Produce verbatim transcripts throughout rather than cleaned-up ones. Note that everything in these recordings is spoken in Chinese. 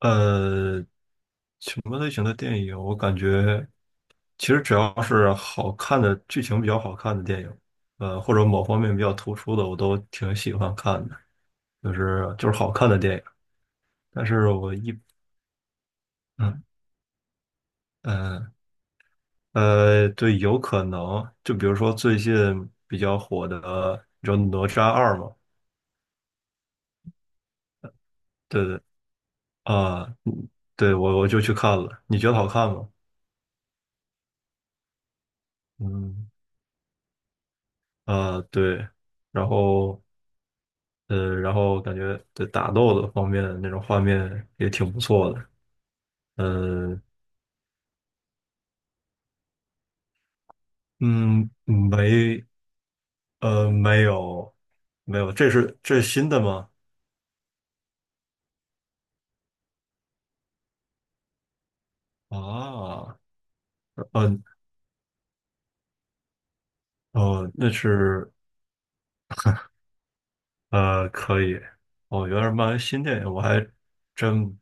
呃，什么类型的电影？我感觉其实只要是好看的剧情比较好看的电影，呃，或者某方面比较突出的，我都挺喜欢看的，就是就是好看的电影。但是我一嗯嗯呃，呃对，有可能就比如说最近比较火的，你知道《哪吒二》吗？对对啊，嗯对我我就去看了，你觉得好看吗？嗯啊，对，然后。呃，然后感觉对打斗的方面那种画面也挺不错的。呃，嗯，没，呃，没有，没有，这是这是新的吗？啊，嗯，哦，那是呃，可以。哦，原来是漫威新电影，我还真，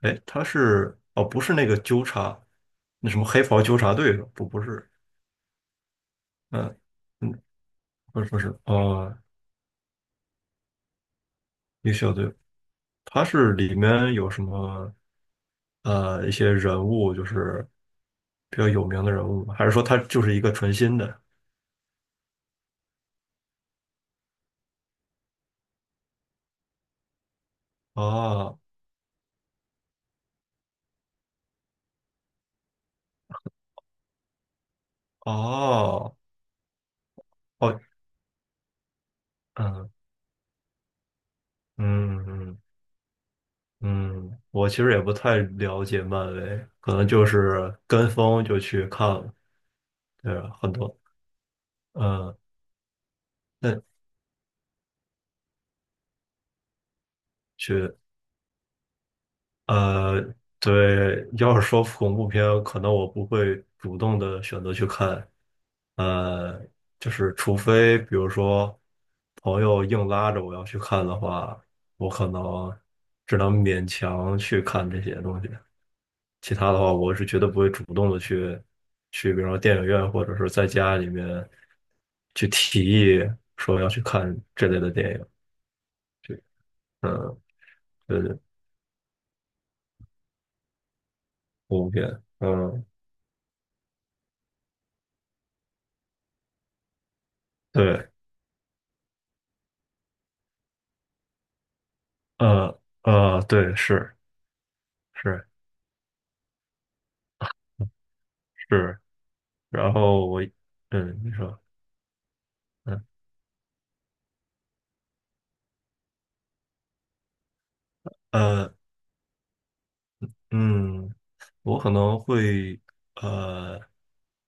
哎，他是哦，不是那个纠察，那什么黑袍纠察队是吧不不是，嗯嗯，不是不是，哦，一个小队，它是里面有什么呃一些人物，就是比较有名的人物吗？还是说它就是一个纯新的？哦哦哦，嗯嗯嗯嗯，我其实也不太了解漫威，可能就是跟风就去看了，对，很多嗯，那去。呃，对，要是说恐怖片，可能我不会主动的选择去看，呃，就是除非比如说朋友硬拉着我要去看的话，我可能只能勉强去看这些东西，其他的话，我是绝对不会主动的去去，比如说电影院或者是在家里面去提议说要去看这类的电影，对，嗯，对对，恐怖片，嗯，对。呃呃，对，是是是，然后我，嗯，你说，嗯呃嗯，我可能会呃，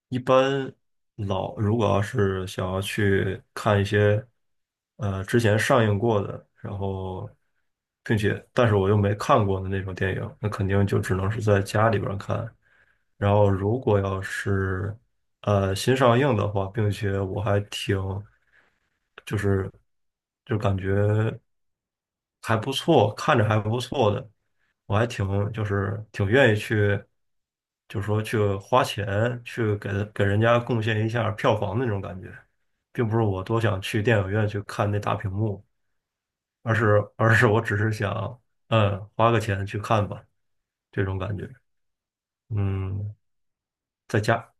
一般老如果要是想要去看一些呃之前上映过的，然后并且但是我又没看过的那种电影，那肯定就只能是在家里边儿看。然后如果要是呃新上映的话，并且我还挺就是就感觉。还不错，看着还不错的，我还挺就是挺愿意去，就是说去花钱去给给人家贡献一下票房的那种感觉，并不是我多想去电影院去看那大屏幕，而是而是我只是想，嗯，花个钱去看吧，这种感觉。嗯，在家，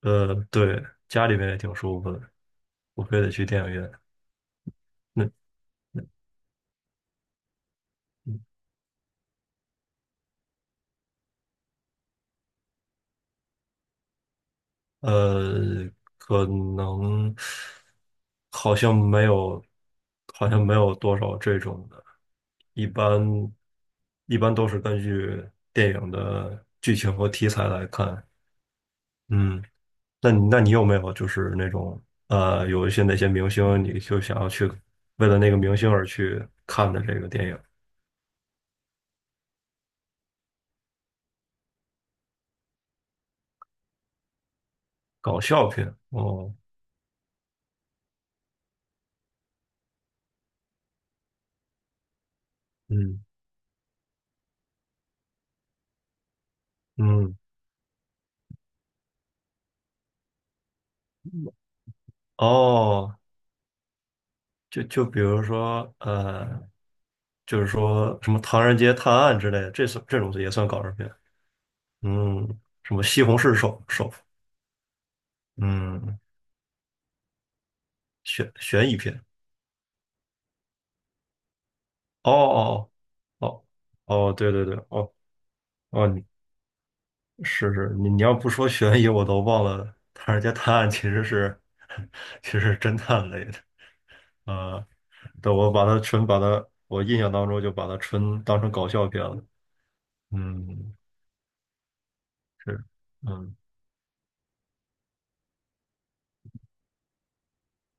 呃，对，家里面也挺舒服的，我非得去电影院。那呃，可能好像没有，好像没有多少这种的，一般一般都是根据电影的剧情和题材来看。嗯，那你那你有没有就是那种呃，有一些哪些明星你就想要去为了那个明星而去看的这个电影？搞笑片哦，嗯嗯哦。就就比如说，呃，就是说什么《唐人街探案》之类的，这是这种也算搞笑片。嗯，什么《西红柿首首富》，嗯，悬悬疑片。哦哦哦哦，哦对对对，哦哦，你是是，你你要不说悬疑，我都忘了《唐人街探案》其实是 其实是侦探类的。啊、对，我把它纯把它，我印象当中就把它纯当成搞笑片了。嗯，是，嗯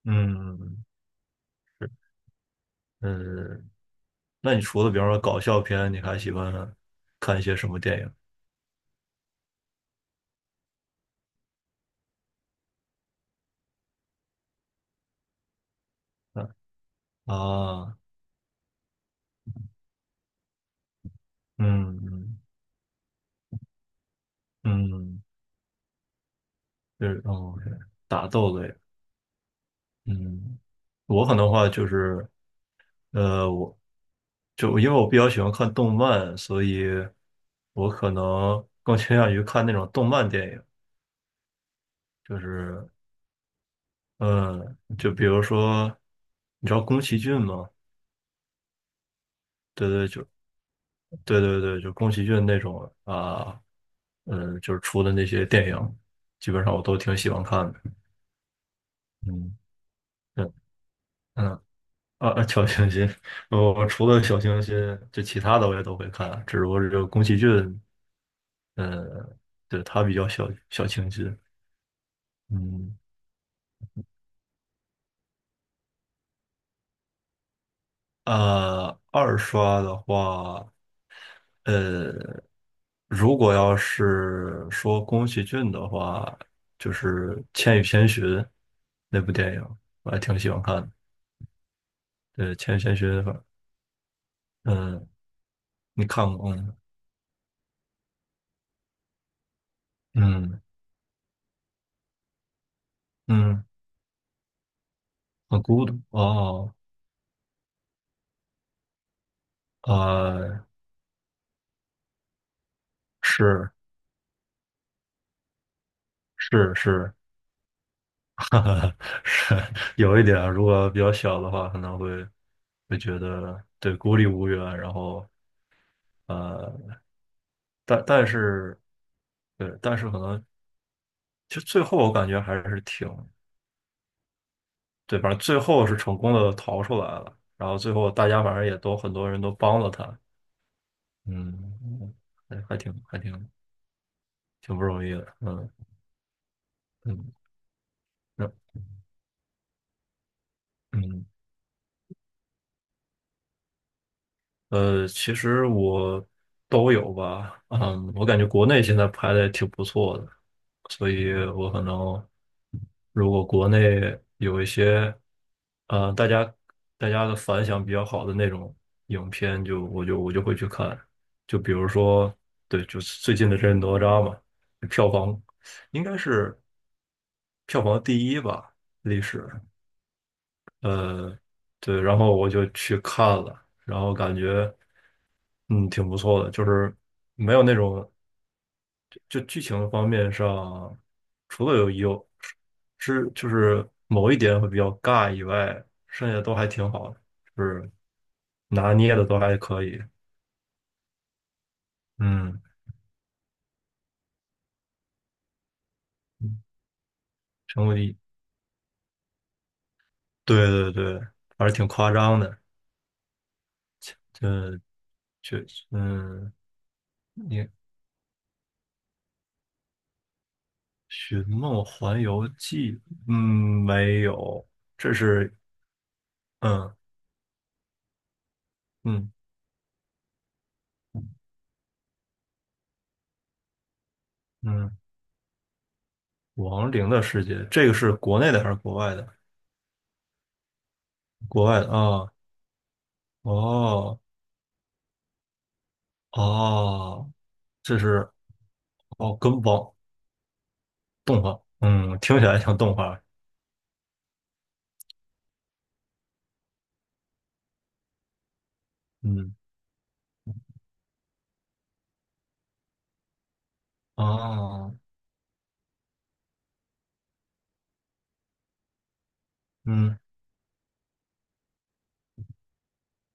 嗯。嗯，那你除了比方说搞笑片，你还喜欢看一些什么电影？啊？啊，嗯嗯嗯，就是哦，对打斗类。嗯，我可能的话就是，呃，我就因为我比较喜欢看动漫，所以我可能更倾向于看那种动漫电影。就是，嗯，就比如说，你知道宫崎骏吗？对对，就对对对，就宫崎骏那种啊。嗯，就是出的那些电影，基本上我都挺喜欢看的。嗯，对，嗯，啊，啊小清新，我我除了小清新，就其他的我也都会看，只不过这个宫崎骏，呃，对，他比较小小清新。嗯，啊，二刷的话，呃，如果要是说宫崎骏的话，就是《千与千寻》那部电影，我还挺喜欢看的。对，《千与千寻》，嗯，你看过吗？嗯嗯，很孤独哦，呃，是是是，哈哈，是有一点，如果比较小的话，可能会会觉得对孤立无援，然后呃，但但是对，但是可能就最后我感觉还是挺对，反正最后是成功的逃出来了，然后最后大家反正也都很多人都帮了他，嗯，还还挺还挺挺不容易的，嗯嗯。那嗯，呃，其实我都有吧，嗯，我感觉国内现在拍的也挺不错的，所以我可能如果国内有一些，呃，大家大家的反响比较好的那种影片就，我就我就会去看，就比如说，对，就是最近的这哪吒嘛，票房应该是票房第一吧，历史。呃，对，然后我就去看了，然后感觉嗯挺不错的，就是没有那种就剧情方面上，除了有有是就是某一点会比较尬以外，剩下都还挺好的，就是拿捏的都还可以，嗯，成为对对对，还是挺夸张的，就就嗯，你《寻梦环游记》嗯没有，这是。嗯。嗯嗯，亡灵的世界，这个是国内的还是国外的？国外的啊，哦哦，这是哦，跟网动画，嗯，听起来像动画，嗯，哦，嗯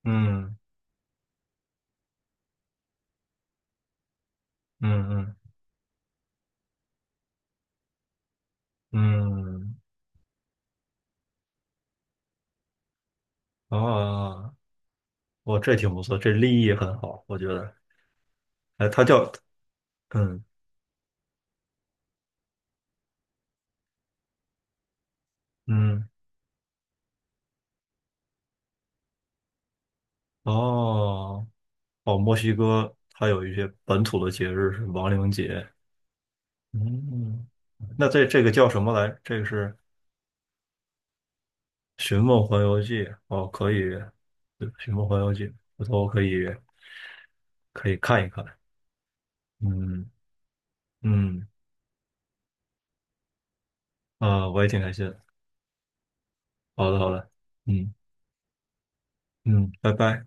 嗯嗯嗯嗯，啊，哦，这挺不错，这立意很好，我觉得，哎，它叫，嗯嗯，哦哦，墨西哥它有一些本土的节日是亡灵节，嗯，那这这个叫什么来？这个是《寻梦环游记》哦，可以，对《寻梦环游记》，回头可以可以看一看。嗯嗯，啊、我也挺开心的。好的好的，嗯嗯，拜拜。